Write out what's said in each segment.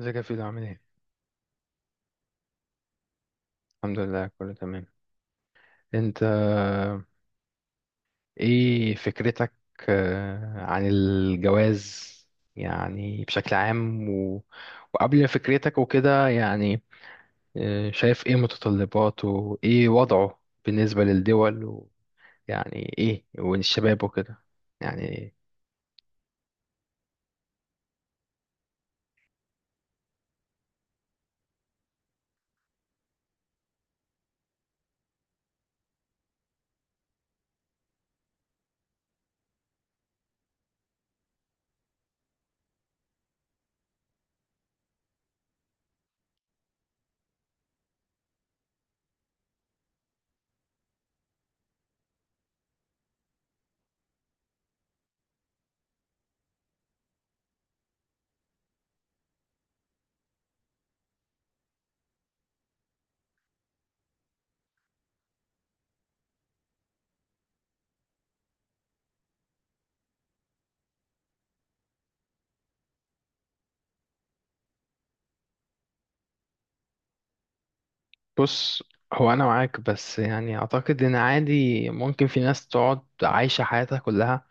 ازيك يا فيلو؟ عامل ايه؟ الحمد لله كله تمام. انت، ايه فكرتك؟ عن الجواز، يعني بشكل عام، وقبل فكرتك وكده يعني. شايف ايه متطلباته، ايه وضعه بالنسبة للدول، ويعني ايه والشباب وكده يعني. بص، هو انا معاك بس يعني اعتقد ان عادي ممكن في ناس تقعد عايشة حياتها كلها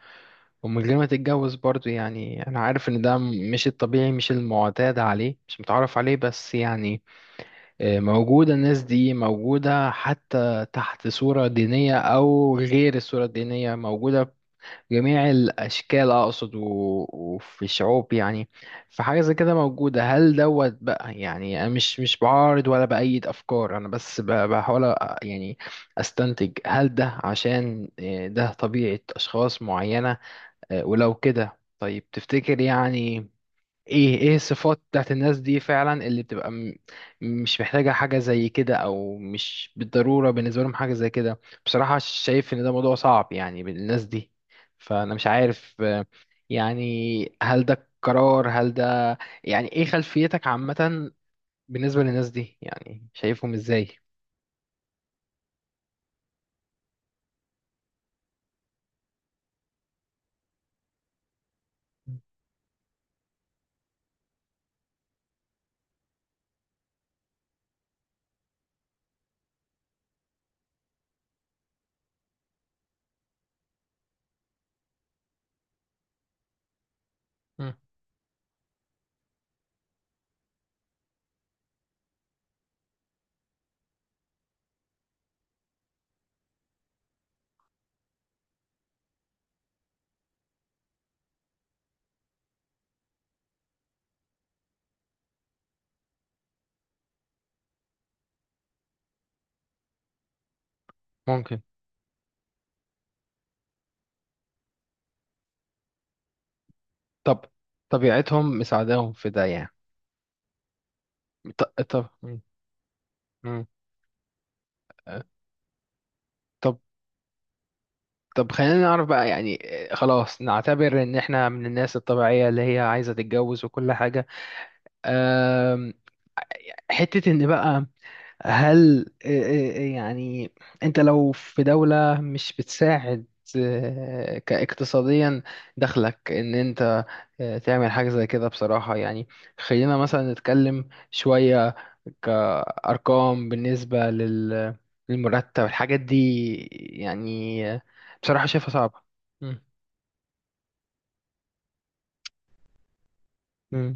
ومن غير ما تتجوز برضو. يعني انا عارف ان ده مش الطبيعي، مش المعتاد عليه، مش متعرف عليه، بس يعني موجودة. الناس دي موجودة حتى تحت صورة دينية او غير الصورة الدينية، موجودة في جميع الاشكال اقصد، وفي الشعوب يعني. فحاجة زي كده موجودة. هل دوت بقى يعني. انا مش بعارض ولا بأيد افكار، انا بس بحاول يعني استنتج هل ده عشان ده طبيعة اشخاص معينة؟ ولو كده طيب، تفتكر يعني ايه الصفات بتاعت الناس دي فعلا اللي بتبقى مش محتاجة حاجة زي كده، او مش بالضرورة بالنسبة لهم حاجة زي كده؟ بصراحة شايف ان ده موضوع صعب يعني بالناس دي. فانا مش عارف يعني، هل ده قرار؟ هل ده يعني؟ ايه خلفيتك عامة بالنسبة للناس دي؟ يعني شايفهم ازاي؟ مم، ممكن. طب، طبيعتهم مساعداهم في ده يعني؟ ط- طب. مم. مم. طب خلينا نعرف بقى يعني، خلاص نعتبر ان احنا من الناس الطبيعية اللي هي عايزة تتجوز وكل حاجة. آم، حتة ان بقى، هل يعني، انت لو في دولة مش بتساعد كاقتصاديا دخلك، ان انت تعمل حاجة زي كده؟ بصراحة يعني. خلينا مثلا نتكلم شوية كأرقام بالنسبة للمرتب، الحاجات دي، يعني بصراحة شايفها صعبة. مم.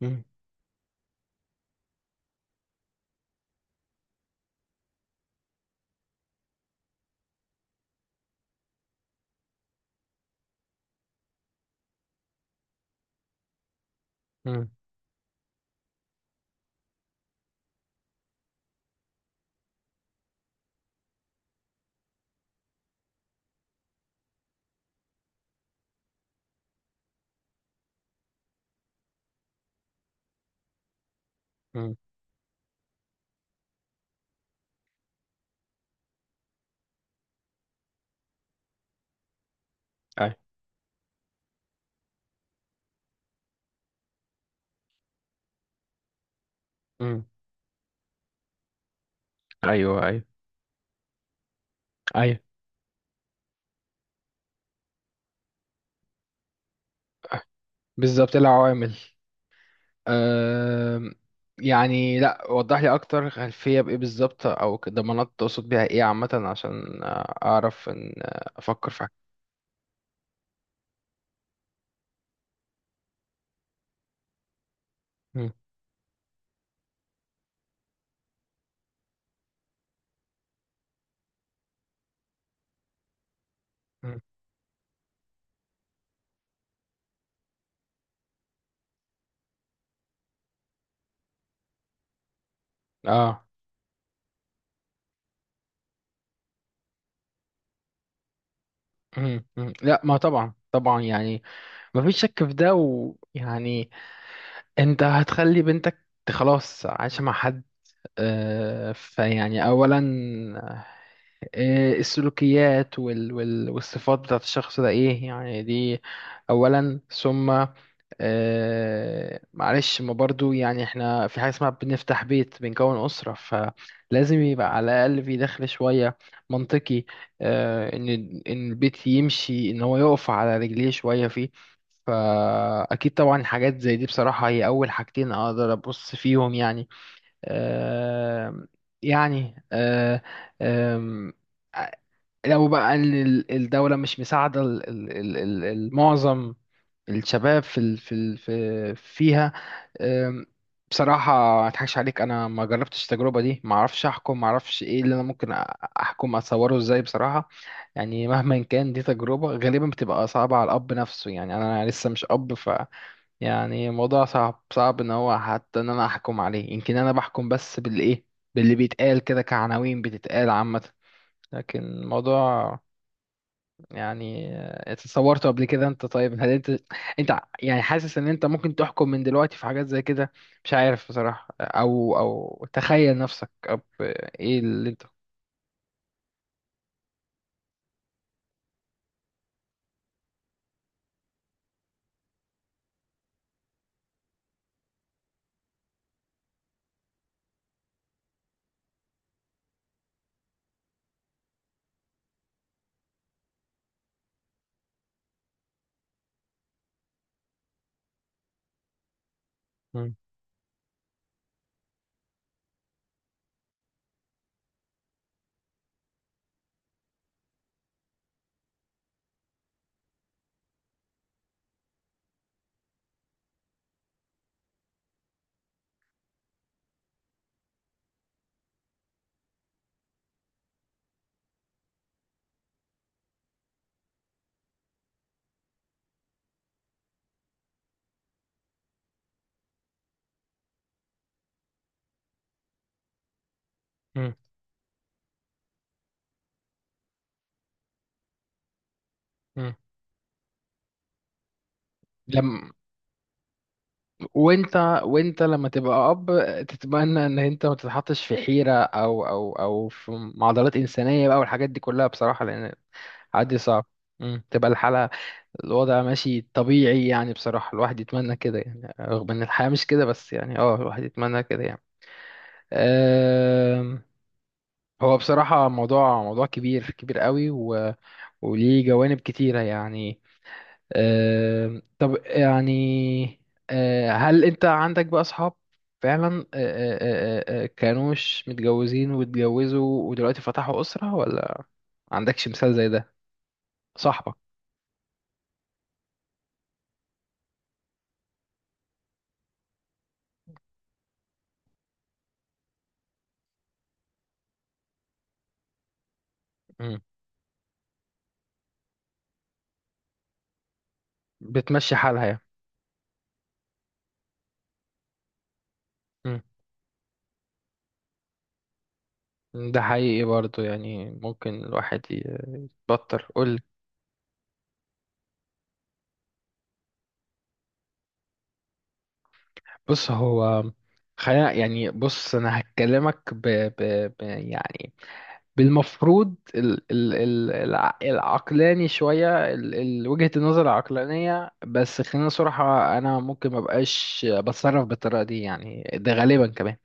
مم. مم. مم. أي. مم. ايوه، ايوه، ايوه، بالظبط العوامل. أم... يعني لا، وضح لي اكتر. خلفيه بايه بالظبط، او ضمانات، تقصد بيها ايه عامه، عشان اعرف ان افكر في حاجه. مم. مم. اه. مم. مم. لا، ما طبعا، طبعا يعني ما فيش شك في ده. ويعني انت هتخلي بنتك خلاص عايشه مع حد، فيعني اولا، إيه السلوكيات وال والصفات بتاعت الشخص ده؟ ايه يعني دي اولا. ثم معلش، ما برضو يعني احنا في حاجة اسمها بنفتح بيت، بنكون أسرة، فلازم يبقى على الأقل في دخل شوية منطقي آه ان ان البيت يمشي، ان هو يقف على رجليه شوية فيه. فأكيد طبعا حاجات زي دي، بصراحة هي أول حاجتين أقدر أبص فيهم يعني. آه يعني آه آه لو بقى الدولة مش مساعدة المعظم، الشباب في فيها، أم، بصراحة ما اضحكش عليك، انا ما جربتش التجربة دي، ما اعرفش احكم، ما اعرفش ايه اللي انا ممكن احكم، اتصوره ازاي بصراحة. يعني مهما كان دي تجربة غالبا بتبقى صعبة على الاب نفسه يعني. انا لسه مش اب، ف يعني الموضوع صعب ان هو حتى ان انا احكم عليه. يمكن انا بحكم بس بالايه، باللي بيتقال كده كعناوين بتتقال عامة. لكن الموضوع يعني اتصورته قبل كده انت؟ طيب هل انت، انت يعني حاسس ان انت ممكن تحكم من دلوقتي في حاجات زي كده؟ مش عارف بصراحة، او او تخيل نفسك أب. ايه اللي انت؟ مم. مم. مم. لم... وانت وانت لما تبقى اب، تتمنى ان انت ما تتحطش في حيرة او في معضلات انسانية بقى والحاجات دي كلها، بصراحة لان عادي صعب. مم. تبقى الحلقة، الوضع ماشي طبيعي يعني. بصراحة الواحد يتمنى كده يعني، رغم ان الحياة مش كده، بس يعني اه الواحد يتمنى كده يعني. أم، هو بصراحة موضوع كبير قوي، وليه جوانب كتيرة يعني. طب يعني، هل انت عندك بقى اصحاب فعلا أه، أه، أه، أه، كانوش متجوزين واتجوزوا ودلوقتي فتحوا أسرة، ولا عندكش مثال زي ده صاحبك؟ بتمشي حالها يعني. مم. ده حقيقي برضو يعني، ممكن الواحد يتبطر. قول. بص هو، خلينا يعني. بص، انا هكلمك ب... يعني بالمفروض العقلاني شوية، وجهة النظر العقلانية. بس خلينا صراحة، انا ممكن مبقاش بتصرف بالطريقة دي يعني. ده غالبا كمان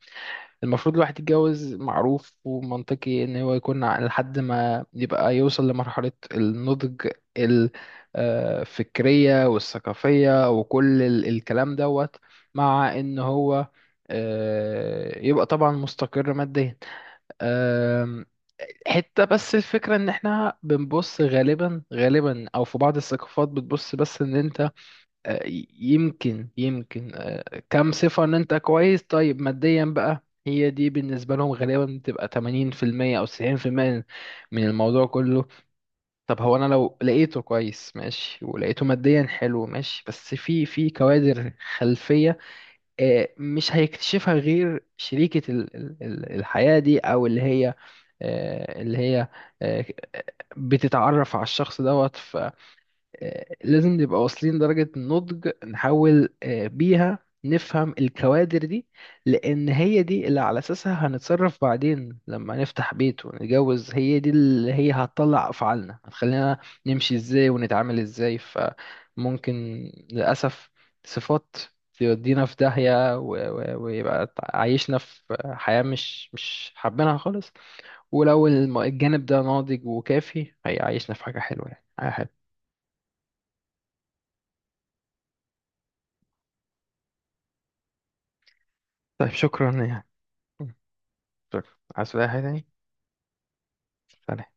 المفروض الواحد يتجوز معروف ومنطقي ان هو يكون لحد ما يبقى يوصل لمرحلة النضج الفكرية والثقافية وكل الكلام دوت، مع ان هو يبقى طبعا مستقر ماديا. آم، حتة، بس الفكرة ان احنا بنبص غالبا او في بعض الثقافات بتبص، بس ان انت يمكن كم صفة، ان انت كويس طيب ماديا بقى. هي دي بالنسبة لهم غالبا بتبقى 80% او 90% من الموضوع كله. طب هو انا لو لقيته كويس ماشي، ولقيته ماديا حلو ماشي، بس في كوادر خلفية مش هيكتشفها غير شريكة الحياة دي، او اللي هي آه، اللي هي آه، بتتعرف على الشخص دوت. لازم نبقى واصلين درجة النضج، نحاول بيها نفهم الكوادر دي، لأن هي دي اللي على أساسها هنتصرف بعدين لما نفتح بيت ونتجوز. هي دي اللي هي هتطلع أفعالنا، هتخلينا نمشي إزاي ونتعامل إزاي. فممكن للأسف صفات تودينا في داهية ويبقى عايشنا في حياة مش حابينها خالص. ولو الجانب ده ناضج وكافي، هيعيشنا في حاجة حلوة يعني، حاجة حلوة. طيب شكرا يعني. شكرا، عايز تقول أي حاجة تاني؟ سلام.